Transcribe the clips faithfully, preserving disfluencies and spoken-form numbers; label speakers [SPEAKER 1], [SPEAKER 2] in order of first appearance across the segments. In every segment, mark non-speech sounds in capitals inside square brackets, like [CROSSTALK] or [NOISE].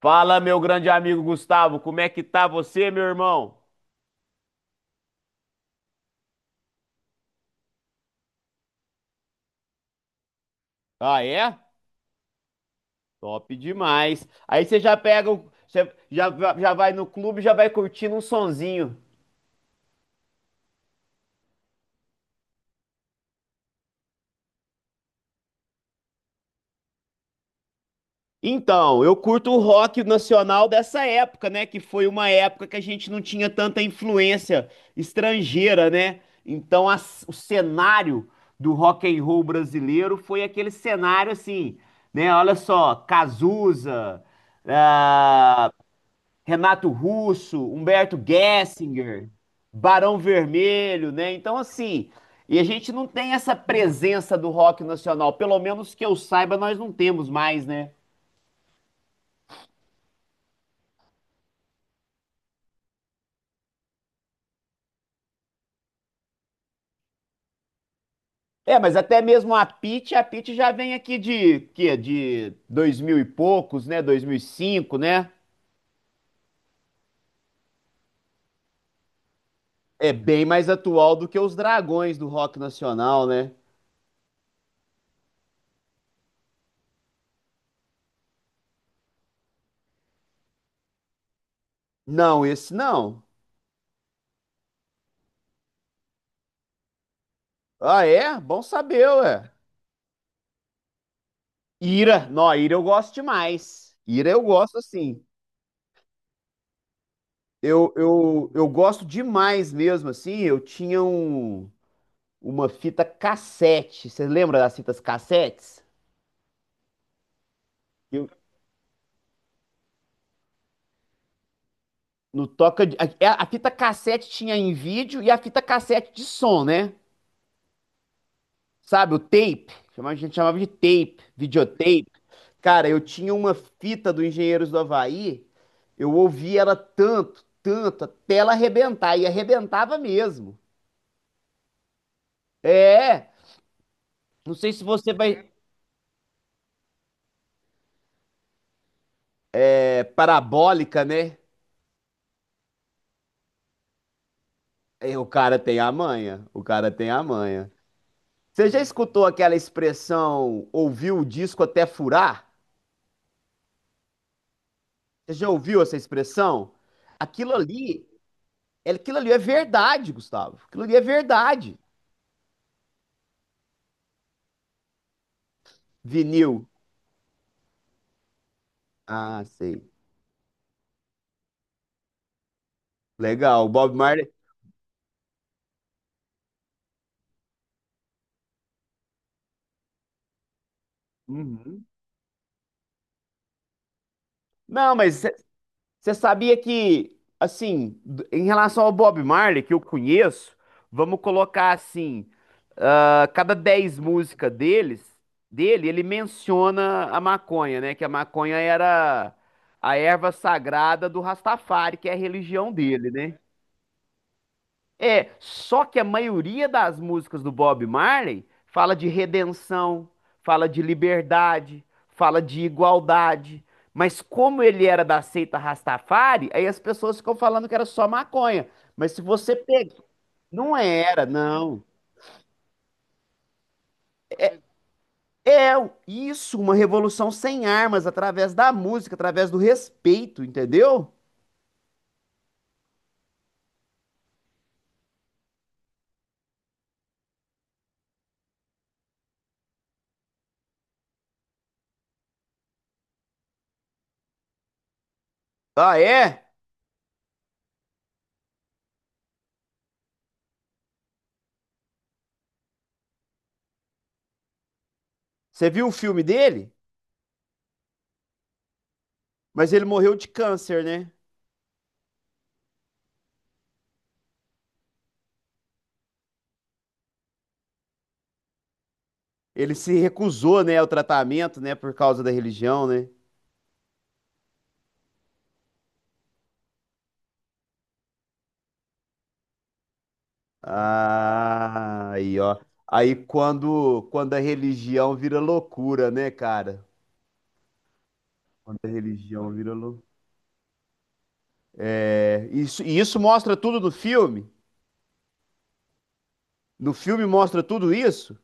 [SPEAKER 1] Fala, meu grande amigo Gustavo, como é que tá você, meu irmão? Ah, é? Top demais. Aí você já pega, o- você já, já vai no clube, e já vai curtindo um sonzinho. Então, eu curto o rock nacional dessa época, né? Que foi uma época que a gente não tinha tanta influência estrangeira, né? Então, as- o cenário do rock and roll brasileiro foi aquele cenário assim, né? Olha só, Cazuza, ah, Renato Russo, Humberto Gessinger, Barão Vermelho, né? Então, assim, e a gente não tem essa presença do rock nacional, pelo menos que eu saiba, nós não temos mais, né? É, mas até mesmo a Pitty, a Pitty já vem aqui de, quê? De dois mil e poucos, né? Dois mil e cinco, né? É bem mais atual do que os Dragões do rock nacional, né? Não, esse não. Ah, é? Bom saber, ué. Ira, não, Ira eu gosto demais. Ira eu gosto assim. Eu, eu, eu gosto demais mesmo, assim. Eu tinha um, uma fita cassete. Você lembra das fitas cassetes? Eu, no toca de- a, é, A fita cassete tinha em vídeo e a fita cassete de som, né? Sabe, o tape. Chama- A gente chamava de tape, videotape. Cara, eu tinha uma fita do Engenheiros do Havaí. Eu ouvia ela tanto, tanto, até ela arrebentar. E arrebentava mesmo. É, não sei se você vai. É parabólica, né? É, o cara tem a manha, o cara tem a manha. Você já escutou aquela expressão ouviu o disco até furar? Você já ouviu essa expressão? Aquilo ali, é- aquilo ali é verdade, Gustavo. Aquilo ali é verdade. Vinil. Ah, sei. Legal, o Bob Marley. Uhum. Não, mas você sabia que, assim, d- em relação ao Bob Marley, que eu conheço, vamos colocar assim, ah, cada dez músicas deles, dele, ele menciona a maconha, né? Que a maconha era a erva sagrada do Rastafari, que é a religião dele, né? É, só que a maioria das músicas do Bob Marley fala de redenção, fala de liberdade, fala de igualdade. Mas como ele era da seita Rastafari, aí as pessoas ficam falando que era só maconha. Mas se você pega, não era, não. É isso, uma revolução sem armas, através da música, através do respeito, entendeu? Ah, é? Você viu o filme dele? Mas ele morreu de câncer, né? Ele se recusou, né, ao tratamento, né, por causa da religião, né? Ah, aí, ó. Aí quando, quando a religião vira loucura, né, cara? Quando a religião vira loucura. Isso, e isso mostra tudo no filme? No filme mostra tudo isso?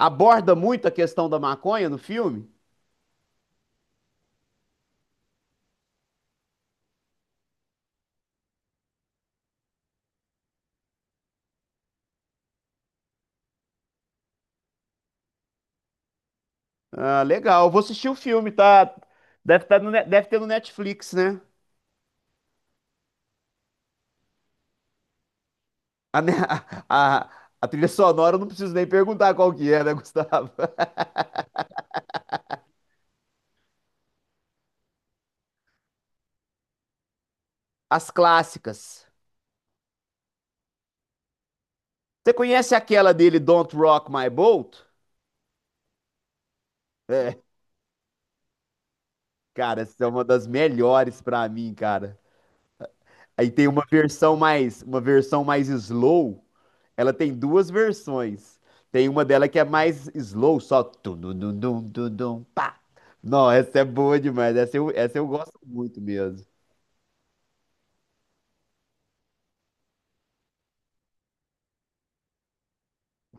[SPEAKER 1] Aborda muito a questão da maconha no filme? Ah, legal. Eu vou assistir o filme, tá? Deve, tá no, Ne- deve ter no Netflix, né? A, ne- [LAUGHS] a, a, trilha sonora eu não preciso nem perguntar qual que é, né, Gustavo? [LAUGHS] As clássicas. Você conhece aquela dele, Don't Rock My Boat? É, cara, essa é uma das melhores pra mim, cara. Aí tem uma versão mais, uma versão mais slow. Ela tem duas versões. Tem uma dela que é mais slow, só tum dum dum dum dum dum, pá. Não, essa é boa demais. Essa eu, essa eu gosto muito mesmo.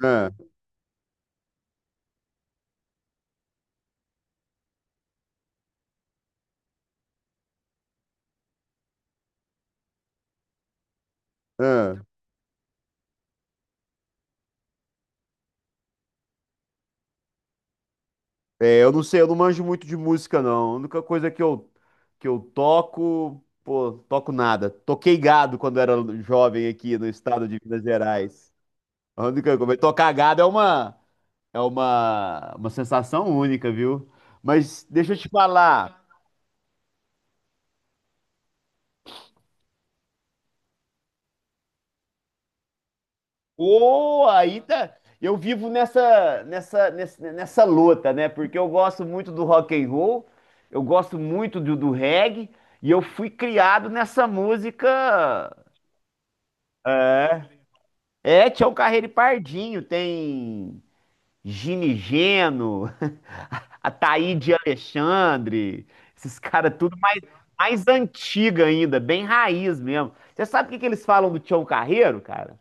[SPEAKER 1] Ah, ah. É, eu não sei, eu não manjo muito de música, não. A única coisa que eu, que eu toco, pô, toco nada. Toquei gado quando era jovem aqui no estado de Minas Gerais. A única coisa, tocar gado é uma, é uma, uma sensação única, viu? Mas deixa eu te falar, pô, aí tá, eu vivo nessa, nessa, nessa, nessa luta, né? Porque eu gosto muito do rock and roll, eu gosto muito do, do reggae, e eu fui criado nessa música. É, tinha o Carreiro e Pardinho, tem Ginigeno, [LAUGHS] Ataíde Alexandre, esses caras tudo mais, mais antiga ainda, bem raiz mesmo. Você sabe o que que eles falam do Tião Carreiro, cara?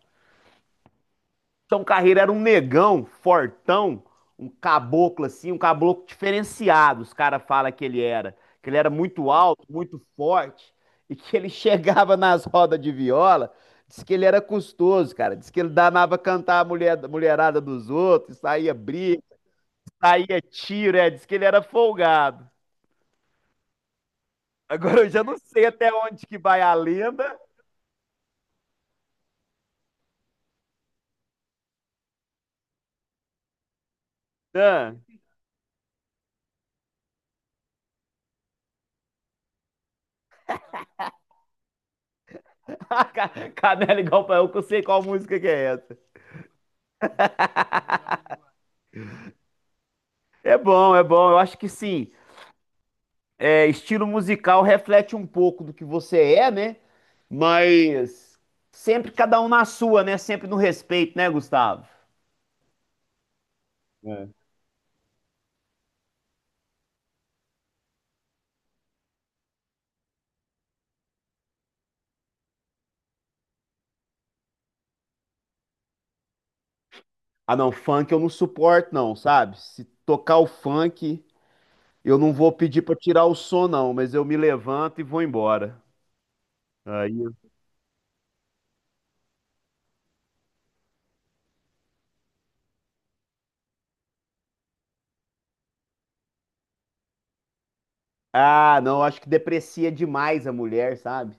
[SPEAKER 1] Então, Carreiro era um negão, fortão, um caboclo assim, um caboclo diferenciado. Os caras falam que ele era, que ele era muito alto, muito forte [LAUGHS] e que ele chegava nas rodas de viola. Diz que ele era custoso, cara. Diz que ele danava cantar a mulher, mulherada dos outros, saía briga, saía tiro, é. Diz que ele era folgado. Agora eu já não sei até onde que vai a lenda. Ah, [LAUGHS] Ca- Canela igual pra eu, que eu sei qual música que é essa. É bom, é bom. Eu acho que sim. É, estilo musical reflete um pouco do que você é, né? Mas sempre cada um na sua, né? Sempre no respeito, né, Gustavo? Ah, não, funk eu não suporto, não, sabe? Se tocar o funk, eu não vou pedir pra tirar o som, não, mas eu me levanto e vou embora. Aí. Ah, não, acho que deprecia demais a mulher, sabe?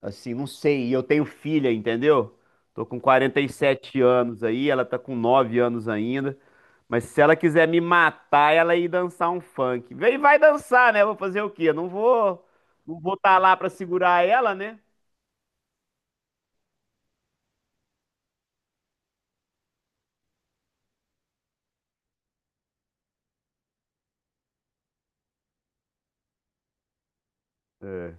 [SPEAKER 1] Assim, não sei. E eu tenho filha, entendeu? Tô com quarenta e sete anos aí, ela tá com nove anos ainda. Mas se ela quiser me matar, ela ir dançar um funk. Vem, vai dançar, né? Vou fazer o quê? Eu Não vou, não vou estar lá pra segurar ela, né? É,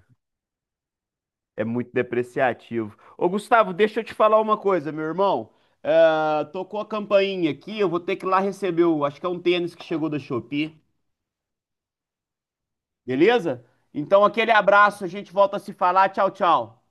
[SPEAKER 1] é muito depreciativo. Ô, Gustavo, deixa eu te falar uma coisa, meu irmão. Ah, tocou a campainha aqui, eu vou ter que ir lá receber o, acho que é um tênis que chegou da Shopee, beleza? Então, aquele abraço, a gente volta a se falar. Tchau, tchau.